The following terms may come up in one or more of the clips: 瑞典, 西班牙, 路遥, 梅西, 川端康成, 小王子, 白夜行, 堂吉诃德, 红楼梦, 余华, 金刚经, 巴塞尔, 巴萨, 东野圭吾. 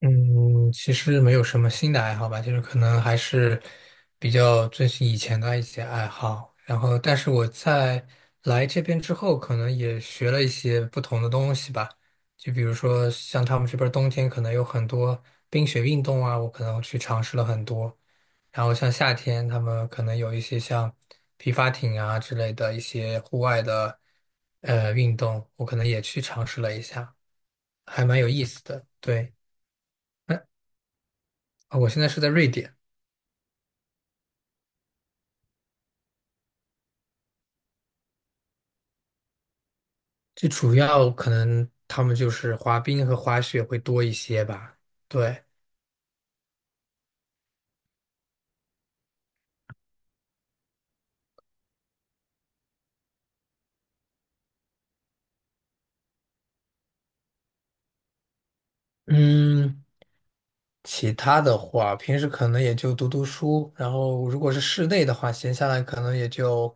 嗯，其实没有什么新的爱好吧，就是可能还是比较遵循以前的一些爱好。然后，但是我在来这边之后，可能也学了一些不同的东西吧。就比如说，像他们这边儿冬天可能有很多冰雪运动啊，我可能去尝试了很多。然后像夏天，他们可能有一些像皮划艇啊之类的一些户外的运动，我可能也去尝试了一下，还蛮有意思的。对，我现在是在瑞典。最主要可能他们就是滑冰和滑雪会多一些吧。对。嗯，其他的话，平时可能也就读读书，然后如果是室内的话，闲下来可能也就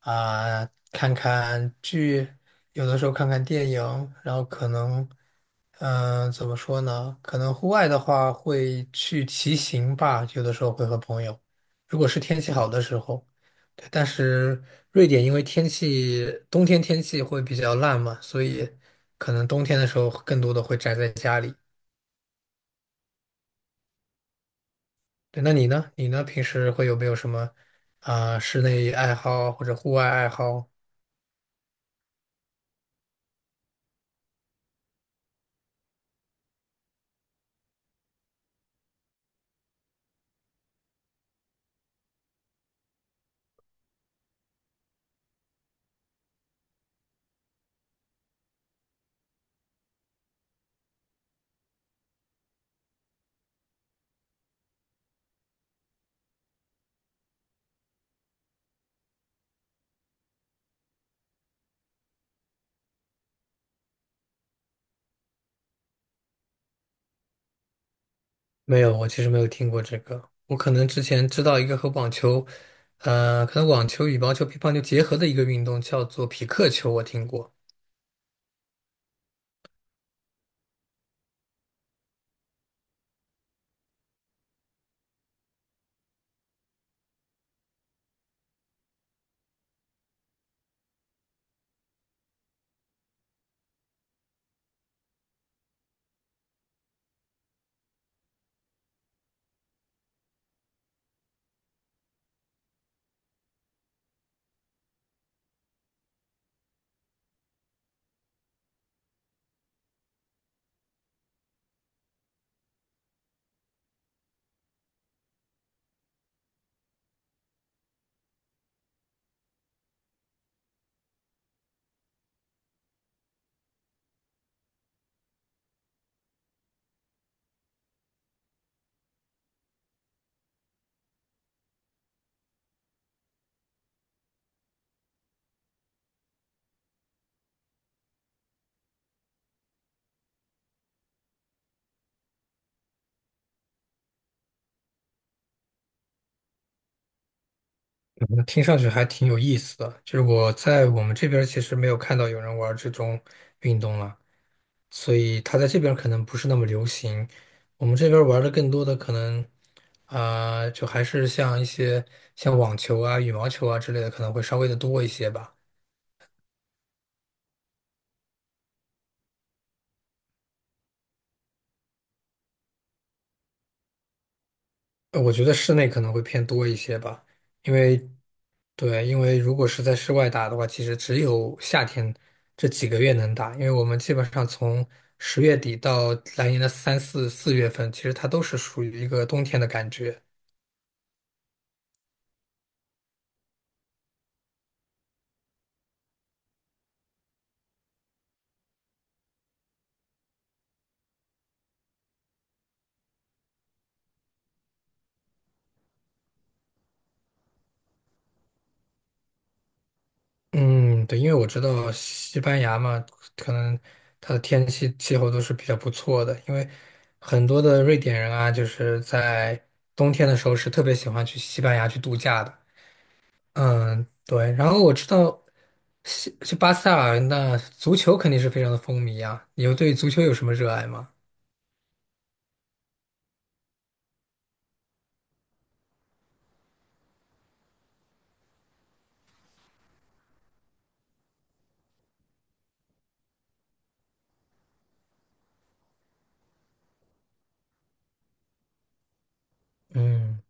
看看剧，有的时候看看电影，然后可能怎么说呢？可能户外的话会去骑行吧，有的时候会和朋友，如果是天气好的时候。对，但是瑞典因为天气冬天天气会比较烂嘛，所以可能冬天的时候更多的会宅在家里。对，那你呢？你呢？平时会有没有什么室内爱好或者户外爱好？没有，我其实没有听过这个。我可能之前知道一个和网球，可能网球、羽毛球、乒乓球结合的一个运动叫做匹克球，我听过。嗯，听上去还挺有意思的，就是我在我们这边儿其实没有看到有人玩儿这种运动了。所以它在这边儿可能不是那么流行。我们这边儿玩的更多的可能，就还是像一些像网球啊、羽毛球啊之类的，可能会稍微的多一些吧。我觉得室内可能会偏多一些吧，因为对，因为如果是在室外打的话，其实只有夏天这几个月能打，因为我们基本上从十月底到来年的三四月份，其实它都是属于一个冬天的感觉。嗯，对，因为我知道西班牙嘛，可能它的天气气候都是比较不错的，因为很多的瑞典人啊，就是在冬天的时候是特别喜欢去西班牙去度假的。嗯，对，然后我知道西去巴塞尔，那足球肯定是非常的风靡啊。你有对足球有什么热爱吗？嗯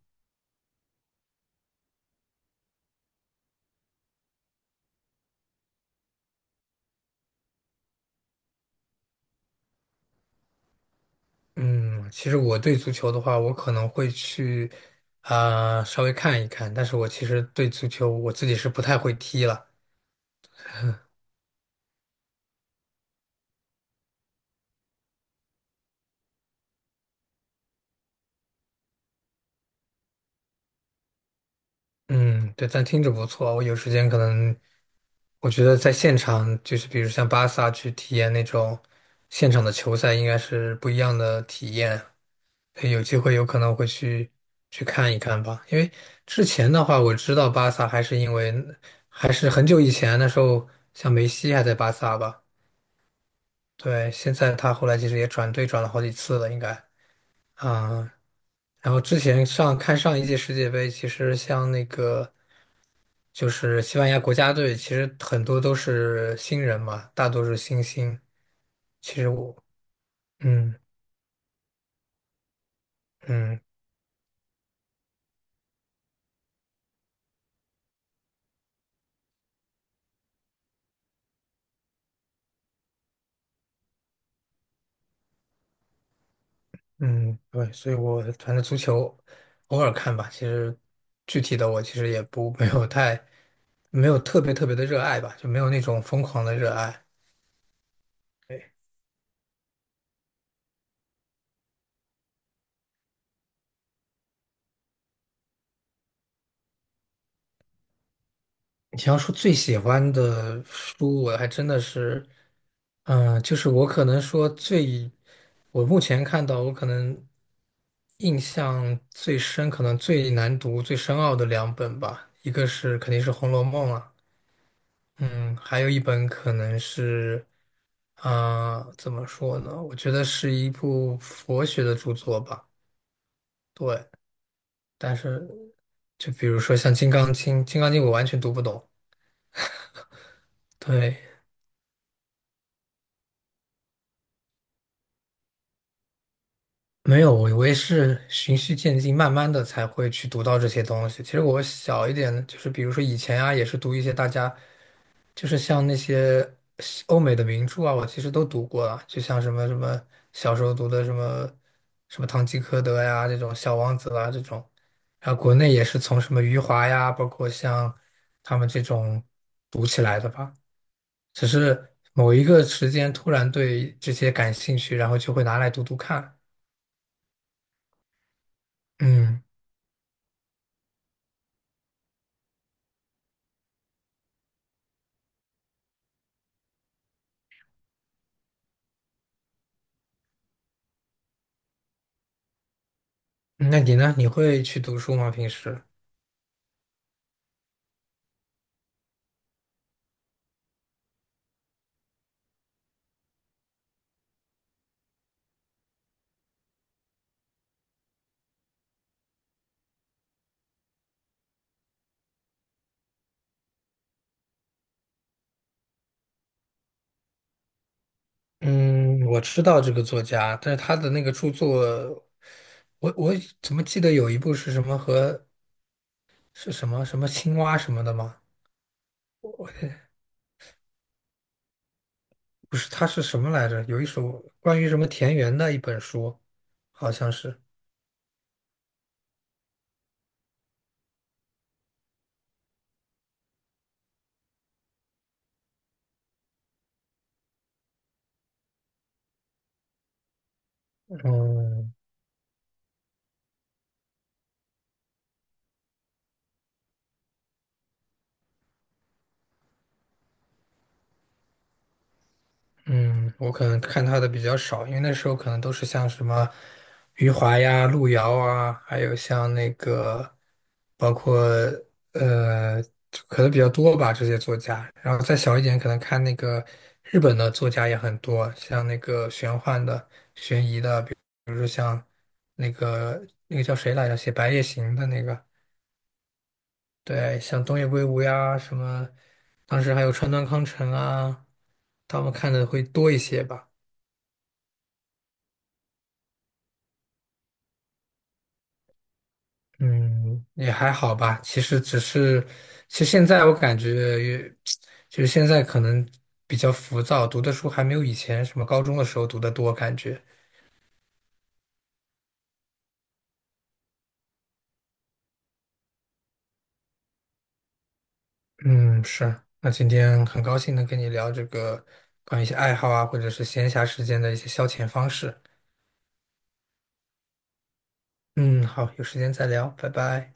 嗯，其实我对足球的话，我可能会去稍微看一看，但是我其实对足球我自己是不太会踢了。嗯，对，但听着不错。我有时间可能，我觉得在现场，就是比如像巴萨去体验那种现场的球赛，应该是不一样的体验。所以有机会有可能会去去看一看吧。因为之前的话，我知道巴萨还是很久以前那时候，像梅西还在巴萨吧。对，现在他后来其实也转队转了好几次了，应该。啊、然后之前上一届世界杯，其实像那个。就是西班牙国家队，其实很多都是新人嘛，大多是新星。其实我，嗯嗯嗯，对，所以我反正足球偶尔看吧，其实具体的我其实也不没有太没有特别特别的热爱吧，就没有那种疯狂的热爱。对。你要说最喜欢的书，我还真的是，就是我可能说最，我目前看到我可能印象最深，可能最难读、最深奥的两本吧，一个是肯定是《红楼梦》了。嗯，还有一本可能是，怎么说呢？我觉得是一部佛学的著作吧，对，但是就比如说像《金刚经》，《金刚经》我完全读不懂，对。没有，我也是循序渐进，慢慢的才会去读到这些东西。其实我小一点，就是比如说以前啊，也是读一些大家就是像那些西欧美的名著啊，我其实都读过了，就像什么什么小时候读的什么什么《堂吉诃德》呀，这种《小王子》啦这种，然后国内也是从什么余华呀，包括像他们这种读起来的吧。只是某一个时间突然对这些感兴趣，然后就会拿来读读看。嗯。那你呢？你会去读书吗？平时？嗯，我知道这个作家，但是他的那个著作，我怎么记得有一部是什么和是什么什么青蛙什么的吗？不是，他是什么来着？有一首关于什么田园的一本书，好像是。嗯。嗯，我可能看他的比较少，因为那时候可能都是像什么余华呀、路遥啊，还有像那个包括呃，可能比较多吧这些作家。然后再小一点，可能看那个日本的作家也很多，像那个玄幻的、悬疑的，比如说像那个叫谁来着，写《白夜行》的那个，对，像东野圭吾呀什么，当时还有川端康成啊，他们看的会多一些吧。嗯，也还好吧。其实只是，其实现在我感觉也，就是现在可能比较浮躁，读的书还没有以前什么高中的时候读的多，感觉。嗯，是。那今天很高兴能跟你聊这个关于一些爱好啊，或者是闲暇时间的一些消遣方式。嗯，好，有时间再聊，拜拜。